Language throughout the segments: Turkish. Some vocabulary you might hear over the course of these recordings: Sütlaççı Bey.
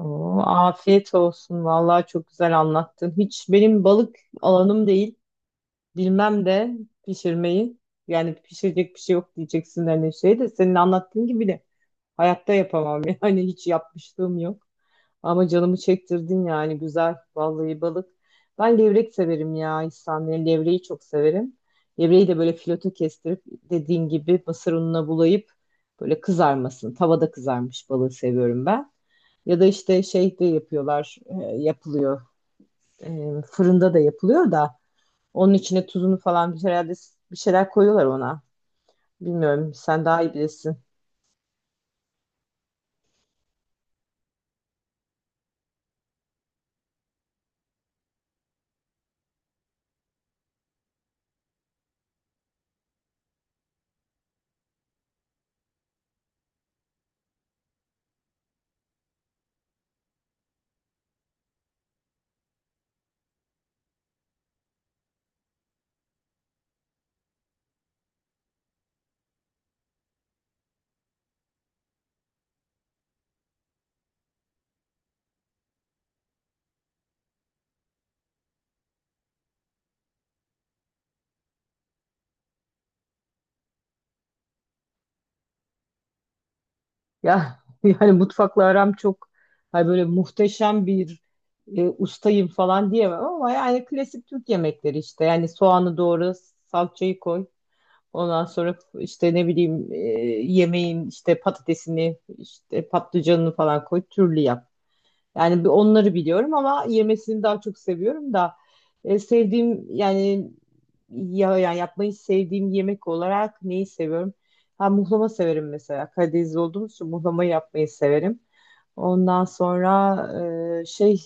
Oo, afiyet olsun. Vallahi çok güzel anlattın. Hiç benim balık alanım değil. Bilmem de pişirmeyi. Yani pişirecek bir şey yok diyeceksin hani şey de senin anlattığın gibi de hayatta yapamam. Yani hiç yapmışlığım yok. Ama canımı çektirdin yani güzel. Vallahi balık. Ben levrek severim ya İhsan. Yani levreyi çok severim. Levreyi de böyle fileto kestirip dediğin gibi mısır ununa bulayıp böyle kızarmasın. Tavada kızarmış balığı seviyorum ben. Ya da işte şeyde yapıyorlar, yapılıyor. Fırında da yapılıyor da onun içine tuzunu falan bir herhalde bir şeyler koyuyorlar ona. Bilmiyorum, sen daha iyi bilirsin. Ya yani mutfakla aram çok hani böyle muhteşem bir ustayım falan diyemem ama yani klasik Türk yemekleri işte. Yani soğanı doğra, salçayı koy. Ondan sonra işte ne bileyim yemeğin işte patatesini, işte patlıcanını falan koy, türlü yap. Yani bir onları biliyorum ama yemesini daha çok seviyorum da sevdiğim yani ya yani yapmayı sevdiğim yemek olarak neyi seviyorum? Ha muhlama severim mesela. Karadenizli olduğumuz için muhlama yapmayı severim. Ondan sonra şey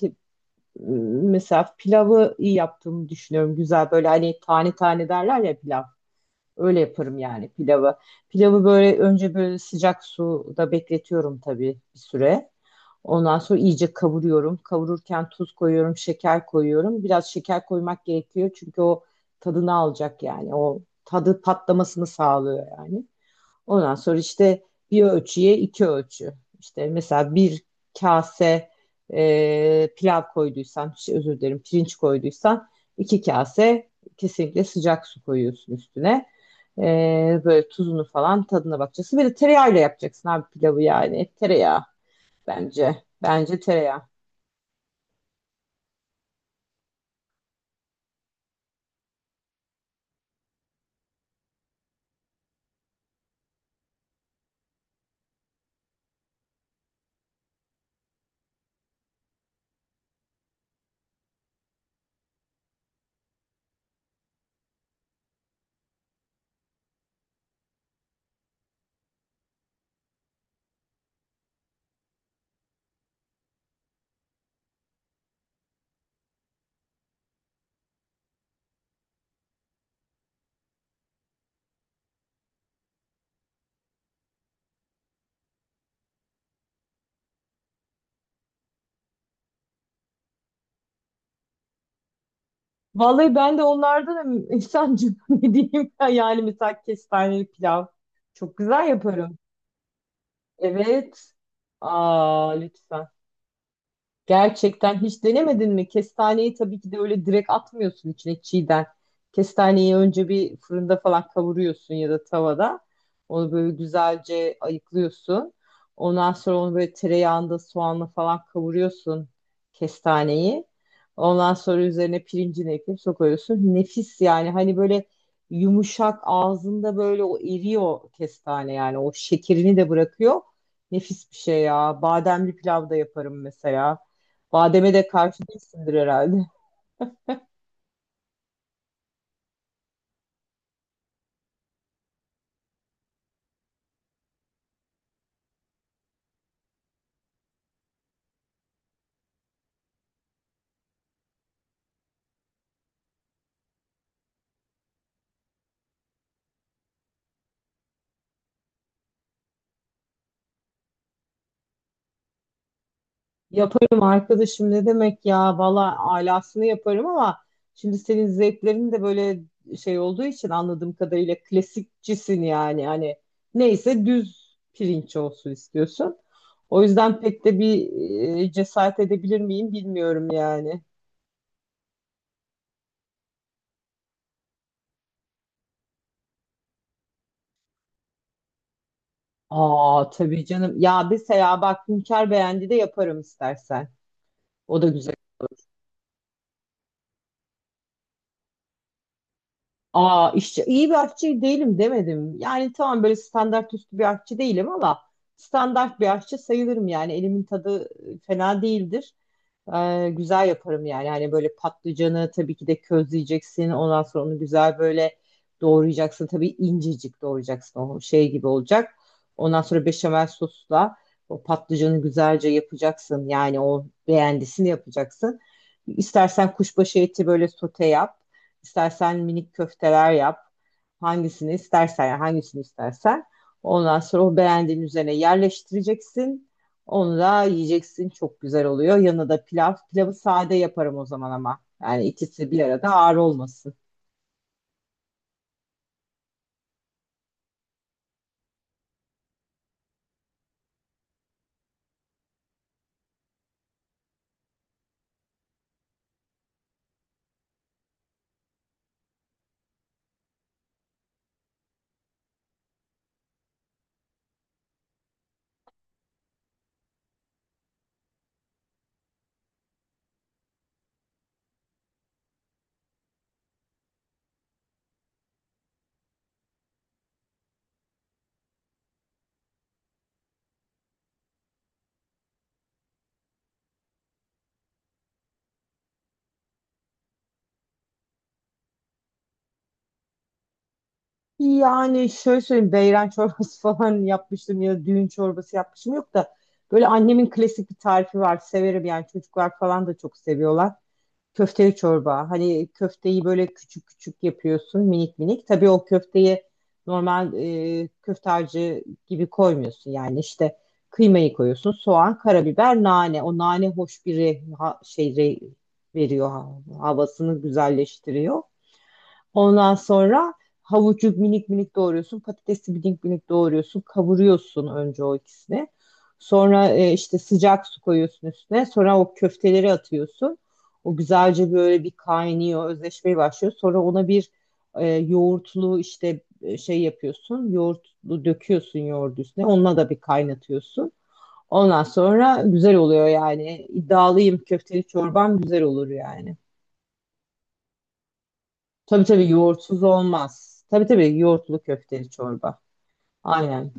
mesela pilavı iyi yaptığımı düşünüyorum. Güzel böyle hani tane tane derler ya pilav. Öyle yaparım yani pilavı. Pilavı böyle önce böyle sıcak suda bekletiyorum tabii bir süre. Ondan sonra iyice kavuruyorum. Kavururken tuz koyuyorum, şeker koyuyorum. Biraz şeker koymak gerekiyor çünkü o tadını alacak yani. O tadı patlamasını sağlıyor yani. Ondan sonra işte bir ölçüye iki ölçü. İşte mesela bir kase pilav koyduysan, şey, özür dilerim pirinç koyduysan iki kase kesinlikle sıcak su koyuyorsun üstüne. E, Böyle tuzunu falan tadına bakacaksın. Bir de tereyağıyla yapacaksın abi pilavı yani. Tereyağı bence. Bence tereyağı. Vallahi ben de onlardan insancım ne diyeyim ya? Yani mesela kestaneli pilav çok güzel yaparım. Evet. Aa lütfen. Gerçekten hiç denemedin mi? Kestaneyi tabii ki de öyle direkt atmıyorsun içine çiğden. Kestaneyi önce bir fırında falan kavuruyorsun ya da tavada. Onu böyle güzelce ayıklıyorsun. Ondan sonra onu böyle tereyağında soğanla falan kavuruyorsun kestaneyi. Ondan sonra üzerine pirincini ekleyip sokuyorsun. Nefis yani hani böyle yumuşak ağzında böyle o eriyor kestane yani o şekerini de bırakıyor. Nefis bir şey ya. Bademli pilav da yaparım mesela. Bademe de karşı değilsindir herhalde. Yaparım arkadaşım ne demek ya valla alasını yaparım ama şimdi senin zevklerin de böyle şey olduğu için anladığım kadarıyla klasikçisin yani hani neyse düz pirinç olsun istiyorsun. O yüzden pek de bir cesaret edebilir miyim bilmiyorum yani. Aa tabii canım ya mesela bak Hünkar beğendi de yaparım istersen. O da güzel. Aa işçi iyi bir aşçı değilim demedim. Yani tamam böyle standart üstü bir aşçı değilim ama standart bir aşçı sayılırım yani elimin tadı fena değildir. Güzel yaparım yani. Hani böyle patlıcanı tabii ki de közleyeceksin. Ondan sonra onu güzel böyle doğrayacaksın. Tabii incecik doğrayacaksın. O şey gibi olacak. Ondan sonra beşamel sosla o patlıcanı güzelce yapacaksın. Yani o beğendisini yapacaksın. İstersen kuşbaşı eti böyle sote yap. İstersen minik köfteler yap. Hangisini istersen yani hangisini istersen. Ondan sonra o beğendiğin üzerine yerleştireceksin. Onu da yiyeceksin. Çok güzel oluyor. Yanına da pilav. Pilavı sade yaparım o zaman ama. Yani ikisi bir arada ağır olmasın. Yani şöyle söyleyeyim. Beyran çorbası falan yapmıştım ya düğün çorbası yapmışım yok da. Böyle annemin klasik bir tarifi var. Severim yani çocuklar falan da çok seviyorlar. Köfteli çorba. Hani köfteyi böyle küçük küçük yapıyorsun minik minik. Tabii o köfteyi normal köfte harcı gibi koymuyorsun. Yani işte kıymayı koyuyorsun. Soğan, karabiber, nane. O nane hoş bir şey veriyor havasını güzelleştiriyor. Ondan sonra havucu minik minik doğruyorsun. Patatesi minik minik doğruyorsun. Kavuruyorsun önce o ikisini. Sonra işte sıcak su koyuyorsun üstüne. Sonra o köfteleri atıyorsun. O güzelce böyle bir kaynıyor, özleşmeye başlıyor. Sonra ona bir yoğurtlu işte şey yapıyorsun. Yoğurtlu döküyorsun yoğurdu üstüne. Onunla da bir kaynatıyorsun. Ondan sonra güzel oluyor yani. İddialıyım köfteli çorbam güzel olur yani. Tabii tabii yoğurtsuz olmaz. Tabii tabii yoğurtlu köfteli çorba. Aynen.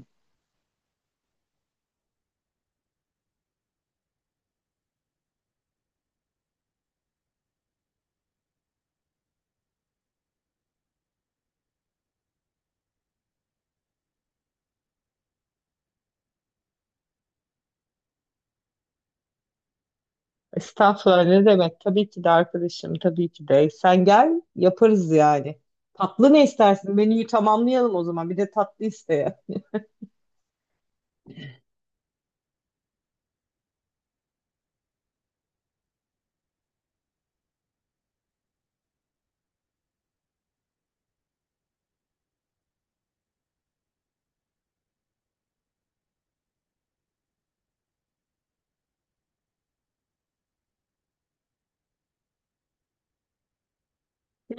Estağfurullah ne demek? Tabii ki de arkadaşım, tabii ki de. Sen gel yaparız yani. Tatlı ne istersin? Menüyü tamamlayalım o zaman. Bir de tatlı isteye.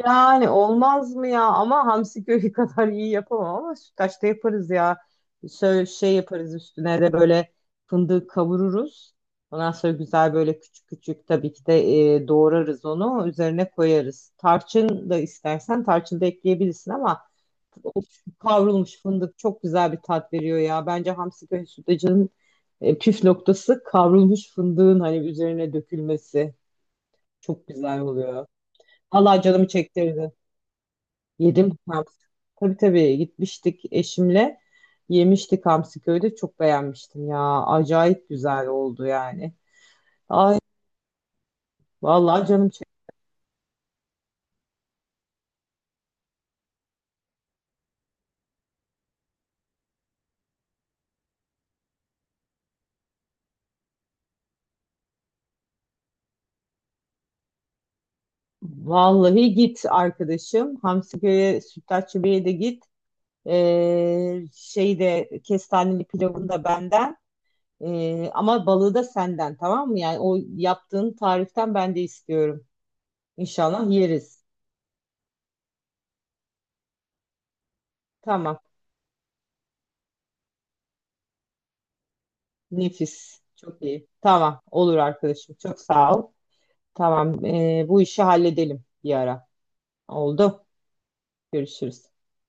Yani olmaz mı ya? Ama hamsi köri kadar iyi yapamam ama sütlaçta yaparız ya. Şöyle şey yaparız üstüne de böyle fındık kavururuz. Ondan sonra güzel böyle küçük küçük tabii ki de doğrarız onu. Üzerine koyarız. Tarçın da istersen tarçın da ekleyebilirsin ama o kavrulmuş fındık çok güzel bir tat veriyor ya. Bence hamsi köri sütlacının püf noktası kavrulmuş fındığın hani üzerine dökülmesi. Çok güzel oluyor. Allah canımı çektirdi. Yedim hamsi. Tabii tabii gitmiştik eşimle. Yemiştik hamsi köyde. Çok beğenmiştim ya. Acayip güzel oldu yani. Ay vallahi canım çek. Vallahi git arkadaşım. Hamsi köye, Sütlaççı Bey'e de git. Şeyde kestaneli pilavını da benden. Ama balığı da senden tamam mı? Yani o yaptığın tariften ben de istiyorum. İnşallah yeriz. Tamam. Nefis. Çok iyi. Tamam. Olur arkadaşım. Çok sağ ol. Tamam, bu işi halledelim bir ara. Oldu. Görüşürüz.